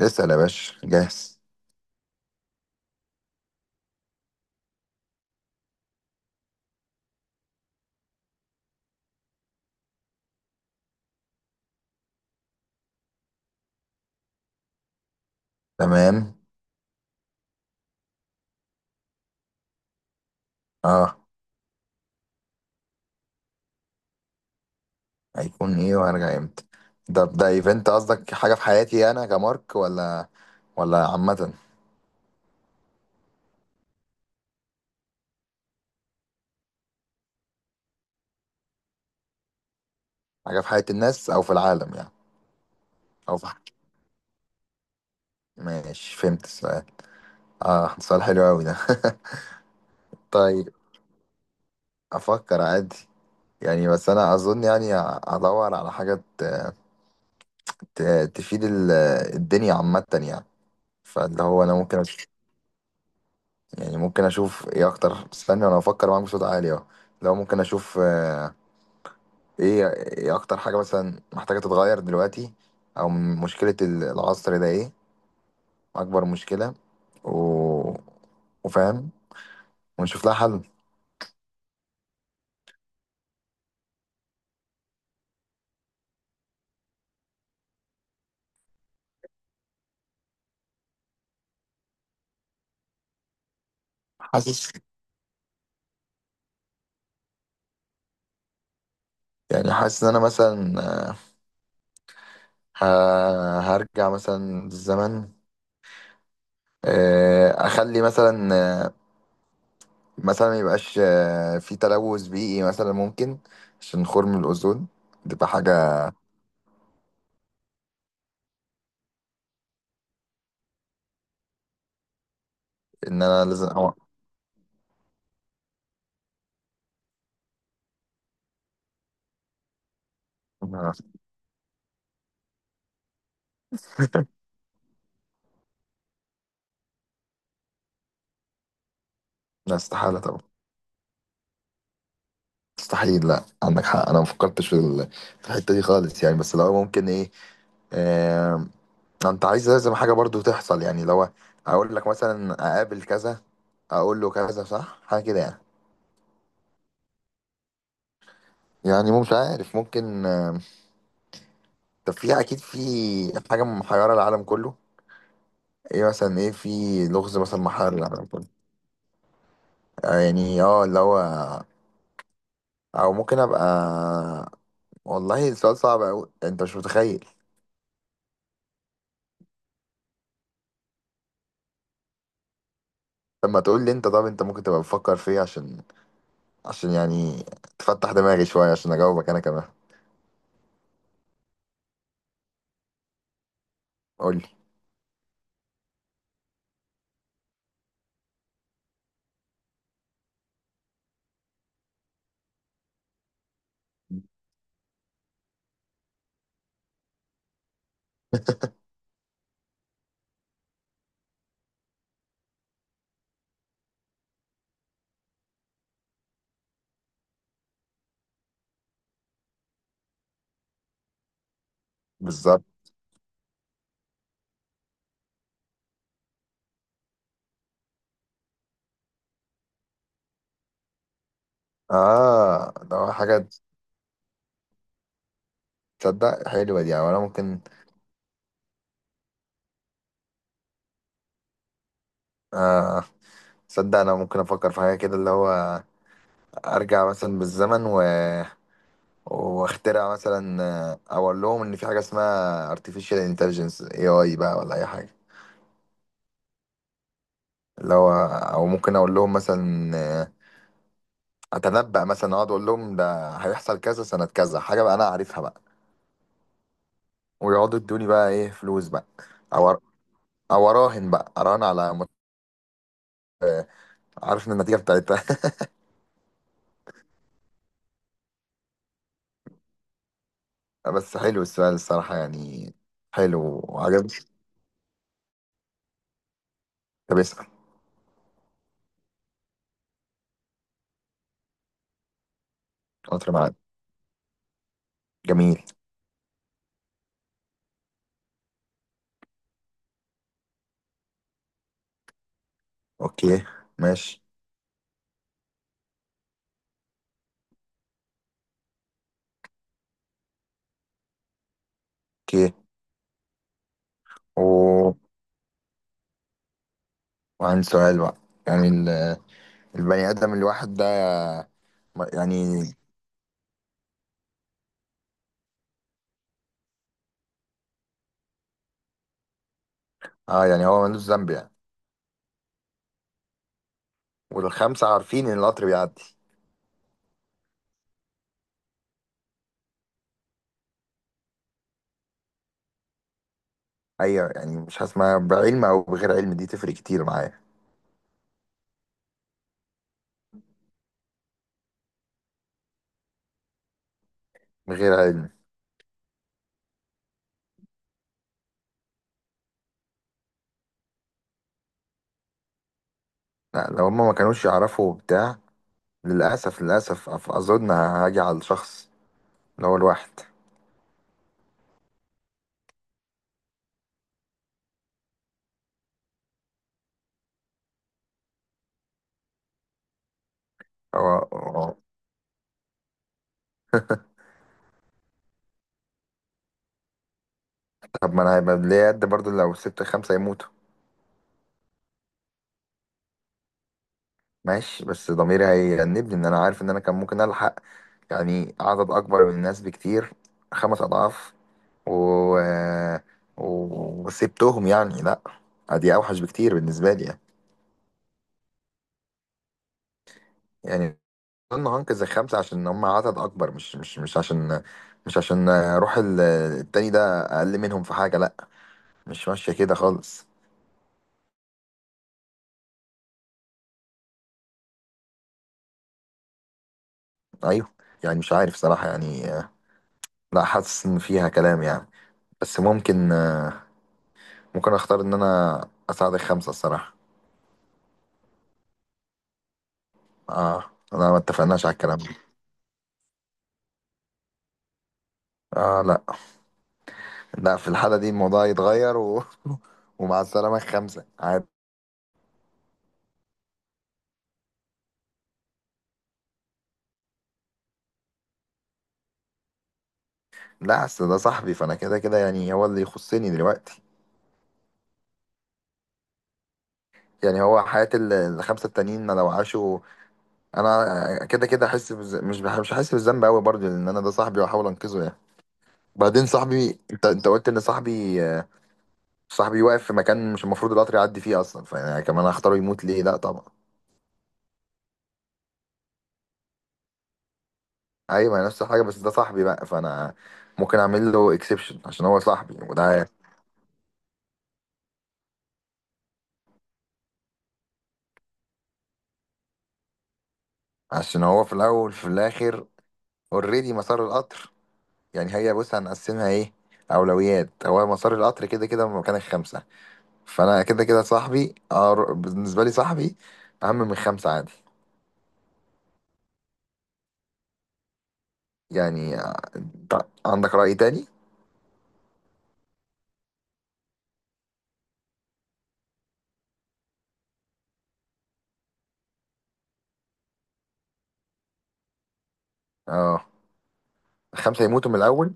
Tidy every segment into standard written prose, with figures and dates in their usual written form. اسأل يا باشا، جاهز. تمام. اه، هيكون ايه وهرجع امتى؟ ده ايفنت، قصدك حاجة في حياتي انا كمارك ولا عامة؟ حاجة في حياة الناس او في العالم يعني، او في حاجة. ماشي، فهمت السؤال. اه، سؤال حلو قوي ده. طيب، افكر عادي. يعني بس انا اظن يعني ادور على حاجة تفيد الدنيا عامة يعني، فاللي هو انا ممكن يعني ممكن اشوف ايه اكتر. استنى، انا افكر معاك بصوت عالي اهو. لو ممكن اشوف، ايه اكتر حاجة مثلا محتاجة تتغير دلوقتي، او من مشكلة العصر ده ايه، اكبر مشكلة، و... وفاهم، ونشوف لها حل. حاسس حاسس ان انا مثلا ه... هرجع مثلا للزمن، اخلي مثلا، آه، ميبقاش في تلوث بيئي مثلا، ممكن عشان خرم الاوزون تبقى حاجة. ان انا لازم لا، استحالة طبعا. مستحيل. لا، عندك حق، انا ما فكرتش في الحته دي خالص يعني. بس لو ممكن ايه، آه انت عايز لازم حاجه برضو تحصل يعني، لو اقول لك مثلا اقابل كذا، اقول له كذا صح، حاجه كده يعني. يعني مش عارف، ممكن. طب في اكيد في حاجه محيره العالم كله. ايه مثلا، ايه في لغز مثلا محير العالم كله؟ آه يعني اه، اللي هو، او ممكن ابقى والله السؤال صعب قوي، انت مش متخيل. لما تقول لي انت، طب انت ممكن تبقى بتفكر في ايه، عشان يعني تفتح دماغي شوية، عشان أجاوبك أنا كمان. قول لي. بالظبط. آه، ده هو حاجة. تصدق حلوة دي. أو أنا ممكن. آه تصدق أنا ممكن أفكر في حاجة كده، اللي هو أرجع مثلا بالزمن و... واخترع مثلا، أو أقول لهم إن في حاجة اسمها artificial intelligence AI بقى ولا أي حاجة. اللي هو، أو ممكن أقول لهم مثلا، أتنبأ مثلا، أقعد أقول لهم ده هيحصل كذا سنة كذا، حاجة بقى أنا عارفها بقى. ويقعدوا يدوني بقى إيه، فلوس بقى. أو اراهن على عارف إن النتيجه بتاعتها. بس حلو السؤال الصراحه يعني، حلو وعجبني. طب اسال. قطر معاك. جميل. اوكي، ماشي. اوكي، و... وعندي سؤال بقى. يعني البني ادم الواحد ده، يعني اه، يعني هو ملوش ذنب يعني. والخمسه عارفين ان القطر بيعدي؟ ايوه. يعني مش هسمع، بعلم او بغير علم دي تفرق كتير معايا. بغير علم. لا، لو هما ما كانوش يعرفوا بتاع. للاسف، للاسف، اظن هاجي على الشخص اللي هو الواحد. هو هو- طب ما انا هيبقى ليا قد برضه لو سبت خمسة يموتوا. ماشي، بس ضميري هيأنبني ان انا عارف ان انا كان ممكن الحق يعني عدد اكبر من الناس بكتير، خمس اضعاف، و... و- وسبتهم يعني. لا، دي اوحش بكتير بالنسبة لي يعني. يعني اظن هنقذ الخمسة عشان هم عدد اكبر، مش عشان روح التاني ده اقل منهم في حاجة. لا، مش ماشية كده خالص. ايوه، يعني مش عارف صراحة يعني. لا، حاسس ان فيها كلام يعني. بس ممكن، ممكن اختار ان انا اساعدك خمسة الصراحة. اه، لا، ما اتفقناش على الكلام ده. اه، لا، لا، في الحالة دي الموضوع يتغير ومع السلامة خمسة عادي. لا، اصل ده صاحبي، فانا كده كده يعني هو اللي يخصني دلوقتي. يعني هو حياة الخمسة التانيين لو عاشوا، انا كده كده احس بز... مش بح... مش هحس بالذنب قوي برضه، لان انا ده صاحبي واحاول انقذه يعني. بعدين صاحبي انت قلت ان صاحبي، صاحبي واقف في مكان مش المفروض القطر يعدي فيه اصلا، فانا كمان هختاره يموت ليه؟ لا، طبعا. ايوه، ما هي نفس الحاجه، بس ده صاحبي بقى، فانا ممكن اعمل له اكسبشن عشان هو صاحبي وده. عشان هو في الاول في الاخر، اوريدي مسار القطر. يعني هي، بص، هنقسمها ايه؟ اولويات. هو مسار القطر كده كده من مكان الخمسه، فانا كده كده صاحبي، بالنسبه لي صاحبي اهم من خمسه عادي. يعني، أنت عندك راي تاني؟ اه، خمسه يموتوا من الاول.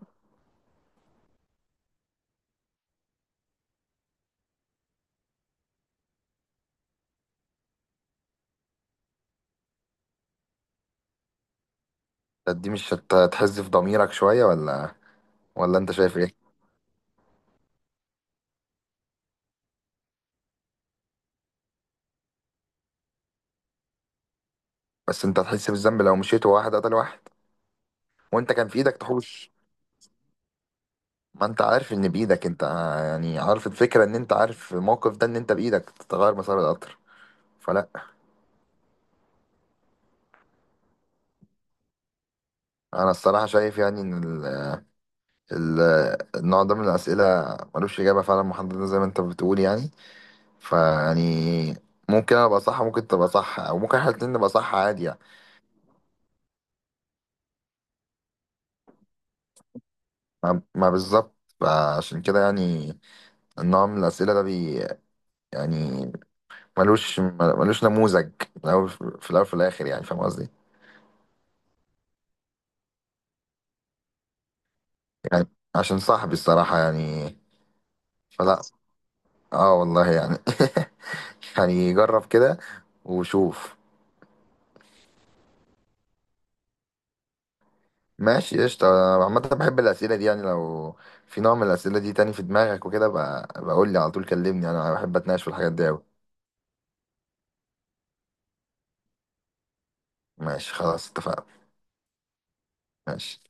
طب دي مش هتحز في ضميرك شويه ولا انت شايف ايه؟ بس انت هتحس بالذنب لو مشيت وواحد قتل واحد وانت كان في ايدك تحوش. ما انت عارف ان بايدك انت، يعني عارف الفكره، ان انت عارف الموقف ده، ان انت بايدك تغير مسار القطر، فلا. انا الصراحه شايف يعني ان ال- النوع ده من الاسئله ملوش اجابه فعلا محدده زي ما انت بتقول يعني. فيعني ممكن انا ابقى صح، ممكن تبقى صح، او ممكن احنا الاتنين نبقى صح عادي يعني. ما بالظبط. فعشان كده يعني، النوع من الاسئله ده يعني ملوش نموذج، في الأول في الأول في الآخر، يعني فاهم قصدي. عشان صاحبي الصراحة يعني. فلا، اه والله يعني. يعني جرب كده وشوف. ماشي، قشطة. أنا عامة بحب الأسئلة دي يعني. لو في نوع من الأسئلة دي تاني في دماغك وكده بقى، بقول لي على طول، كلمني، أنا بحب أتناقش في الحاجات دي أوي. ماشي، خلاص، اتفقنا. ماشي.